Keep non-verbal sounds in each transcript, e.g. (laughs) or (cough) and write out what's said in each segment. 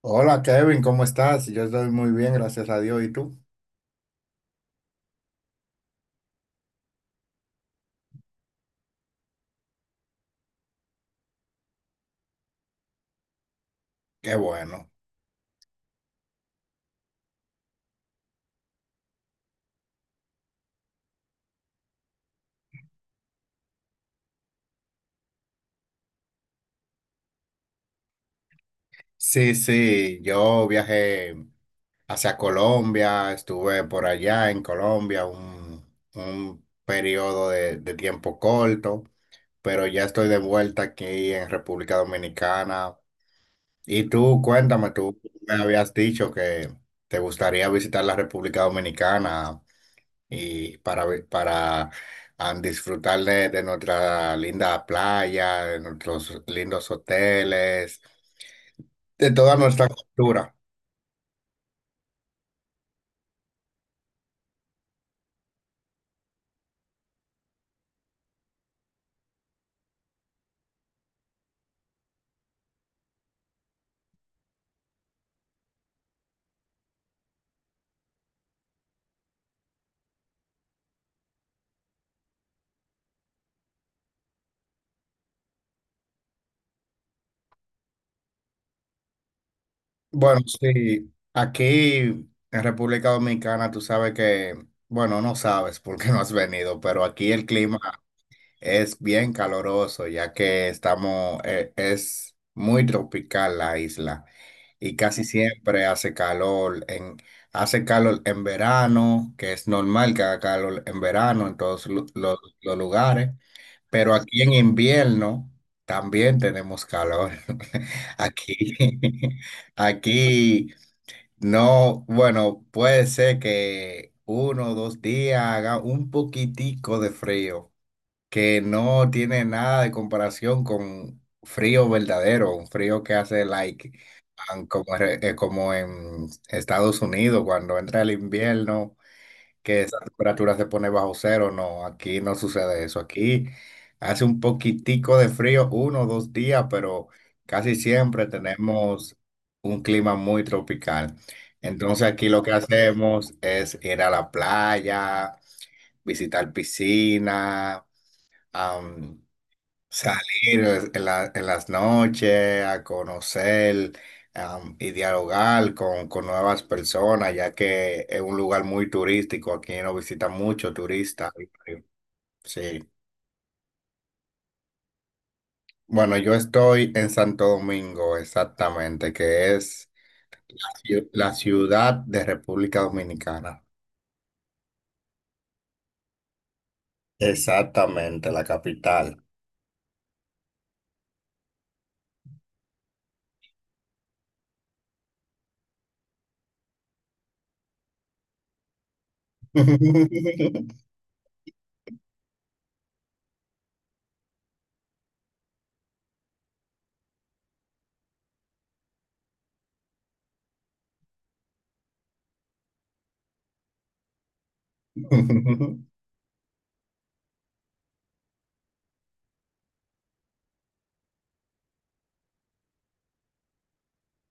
Hola Kevin, ¿cómo estás? Yo estoy muy bien, gracias a Dios. ¿Y tú? Qué bueno. Sí, sí, yo viajé hacia Colombia, estuve por allá en Colombia un periodo de tiempo corto, pero ya estoy de vuelta aquí en República Dominicana. Y tú, cuéntame, tú me habías dicho que te gustaría visitar la República Dominicana. Para disfrutar de nuestra linda playa, de nuestros lindos hoteles, de toda nuestra cultura. Bueno, sí, aquí en República Dominicana tú sabes que, bueno, no sabes porque no has venido, pero aquí el clima es bien caloroso, ya que estamos, es muy tropical la isla y casi siempre hace calor en verano, que es normal que haga calor en verano en todos los lugares, pero aquí en invierno también tenemos calor. (laughs) Aquí, (laughs) aquí no, bueno, puede ser que uno o dos días haga un poquitico de frío que no tiene nada de comparación con frío verdadero, un frío que hace like como en Estados Unidos cuando entra el invierno, que esa temperatura se pone bajo cero, no, aquí no sucede eso, aquí hace un poquitico de frío, uno o dos días, pero casi siempre tenemos un clima muy tropical. Entonces aquí lo que hacemos es ir a la playa, visitar piscina, salir en en las noches a conocer y dialogar con nuevas personas, ya que es un lugar muy turístico, aquí no visitan mucho turistas. Sí. Bueno, yo estoy en Santo Domingo, exactamente, que es la ciudad de República Dominicana. Exactamente, la capital. (laughs)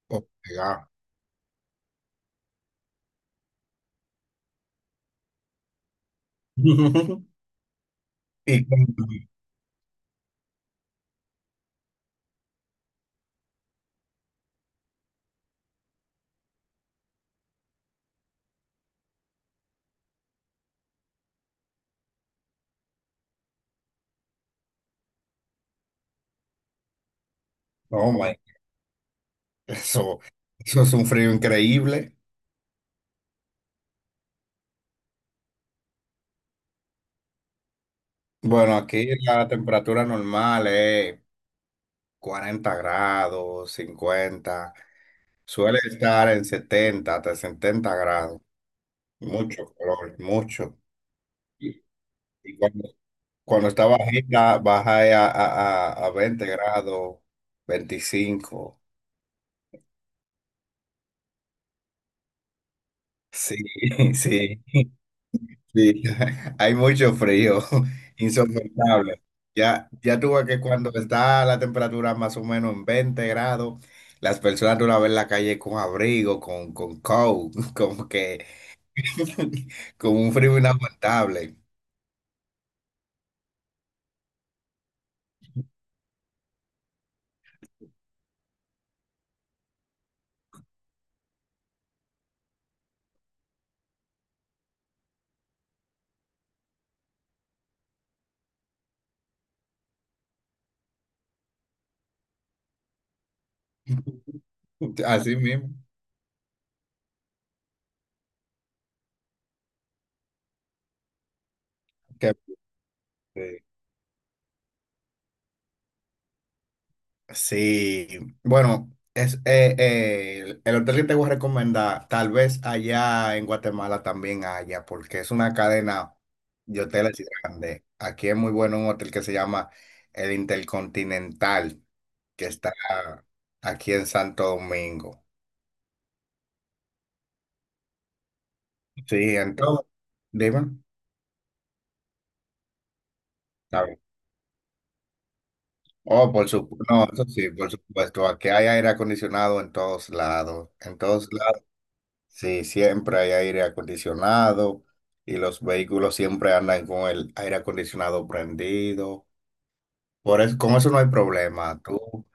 Oh, my God. (laughs) Y, oh my Eso, eso es un frío increíble. Bueno, aquí la temperatura normal es 40 grados, 50. Suele estar en 70 hasta 70 grados. Mucho calor, mucho. Y, y cuando está bajita, baja a 20 grados, 25. Sí, (laughs) sí. Sí, (laughs) hay mucho frío, (laughs) insoportable. Ya, ya tú ves que cuando está la temperatura más o menos en 20 grados, las personas tú las ves en la calle con abrigo, con coat, (laughs) como que (laughs) con un frío inaguantable. Así mismo. Que- eh, Sí, bueno, es, el hotel que te voy a recomendar, tal vez allá en Guatemala también haya, porque es una cadena de hoteles grande. Aquí es muy bueno un hotel que se llama el Intercontinental, que está aquí en Santo Domingo. Sí, entonces, dime. Está bien. Oh, por supuesto, no, eso sí, por supuesto, aquí hay aire acondicionado en todos lados, en todos lados. Sí, siempre hay aire acondicionado y los vehículos siempre andan con el aire acondicionado prendido. Por eso, con eso no hay problema. Tú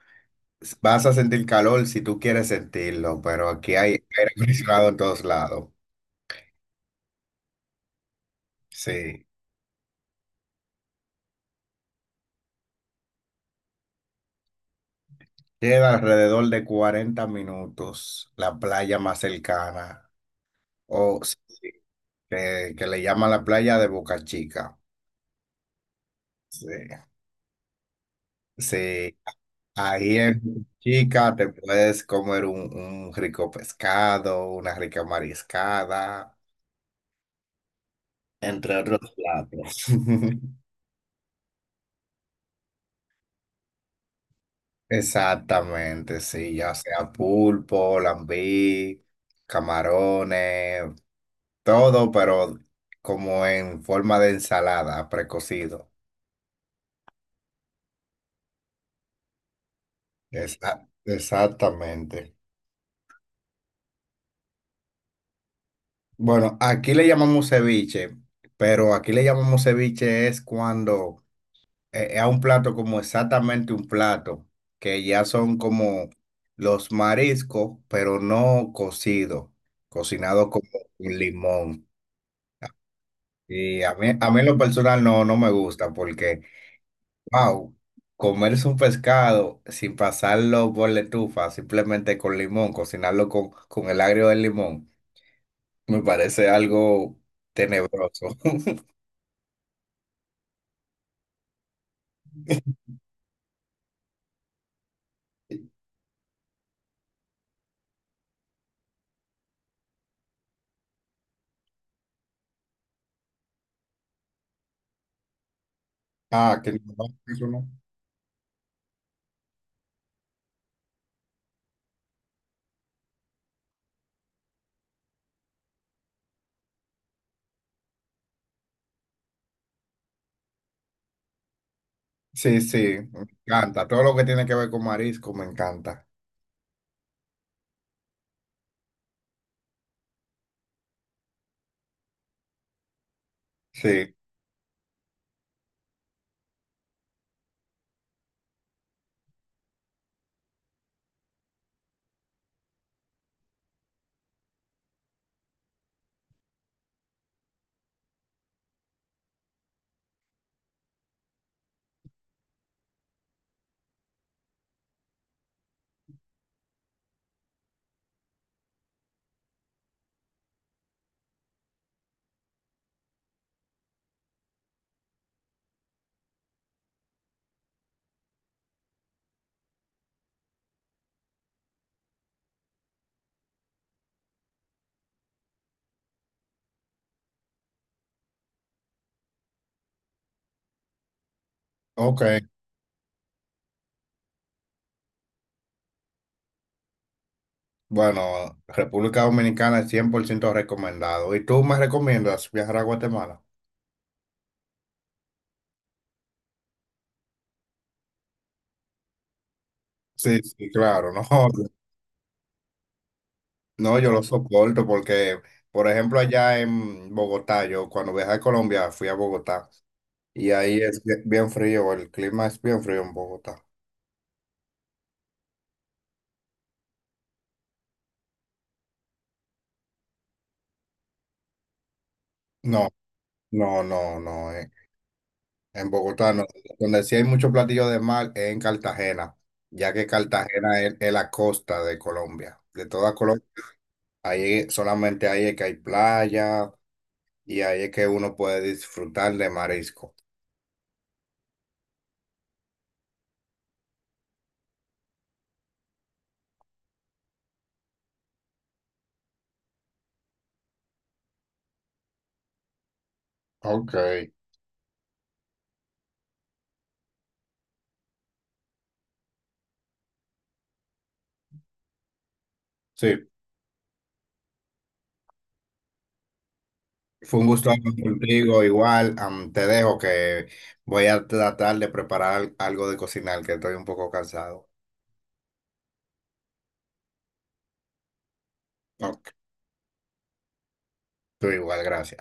vas a sentir calor si tú quieres sentirlo, pero aquí hay aire (laughs) acondicionado en todos lados. Sí. Queda alrededor de 40 minutos la playa más cercana, o sí, que le llaman la playa de Boca Chica. Sí. Sí. Ahí en Chica te puedes comer un, rico pescado, una rica mariscada, entre otros platos. (laughs) Exactamente, sí, ya sea pulpo, lambí, camarones, todo, pero como en forma de ensalada, precocido. Exactamente. Bueno, aquí le llamamos ceviche, pero aquí le llamamos ceviche es cuando a un plato como exactamente un plato, que ya son como los mariscos, pero no cocidos, cocinado como un limón. Y a mí en lo personal no, no me gusta porque, wow, comerse un pescado sin pasarlo por la estufa, simplemente con limón, cocinarlo con el agrio del limón, me parece algo tenebroso. (laughs) Ah, que no, eso no. Sí, sí, me encanta. Todo lo que tiene que ver con marisco me encanta. Sí, ok. Bueno, República Dominicana es 100% recomendado. ¿Y tú me recomiendas viajar a Guatemala? Sí, sí, claro, (laughs) no, no, yo lo soporto porque, por ejemplo, allá en Bogotá, yo cuando viajé a Colombia fui a Bogotá y ahí es bien bien frío, el clima es bien frío en Bogotá. No, no, no, no, en Bogotá no. Donde sí hay muchos platillos de mar es en Cartagena, ya que Cartagena es la costa de Colombia, de toda Colombia. Ahí, solamente ahí es que hay playa y ahí es que uno puede disfrutar de marisco. Ok, sí, fue un gusto hablar contigo. Igual, te dejo que voy a tratar de preparar algo de cocinar, que estoy un poco cansado. Ok, tú igual, gracias.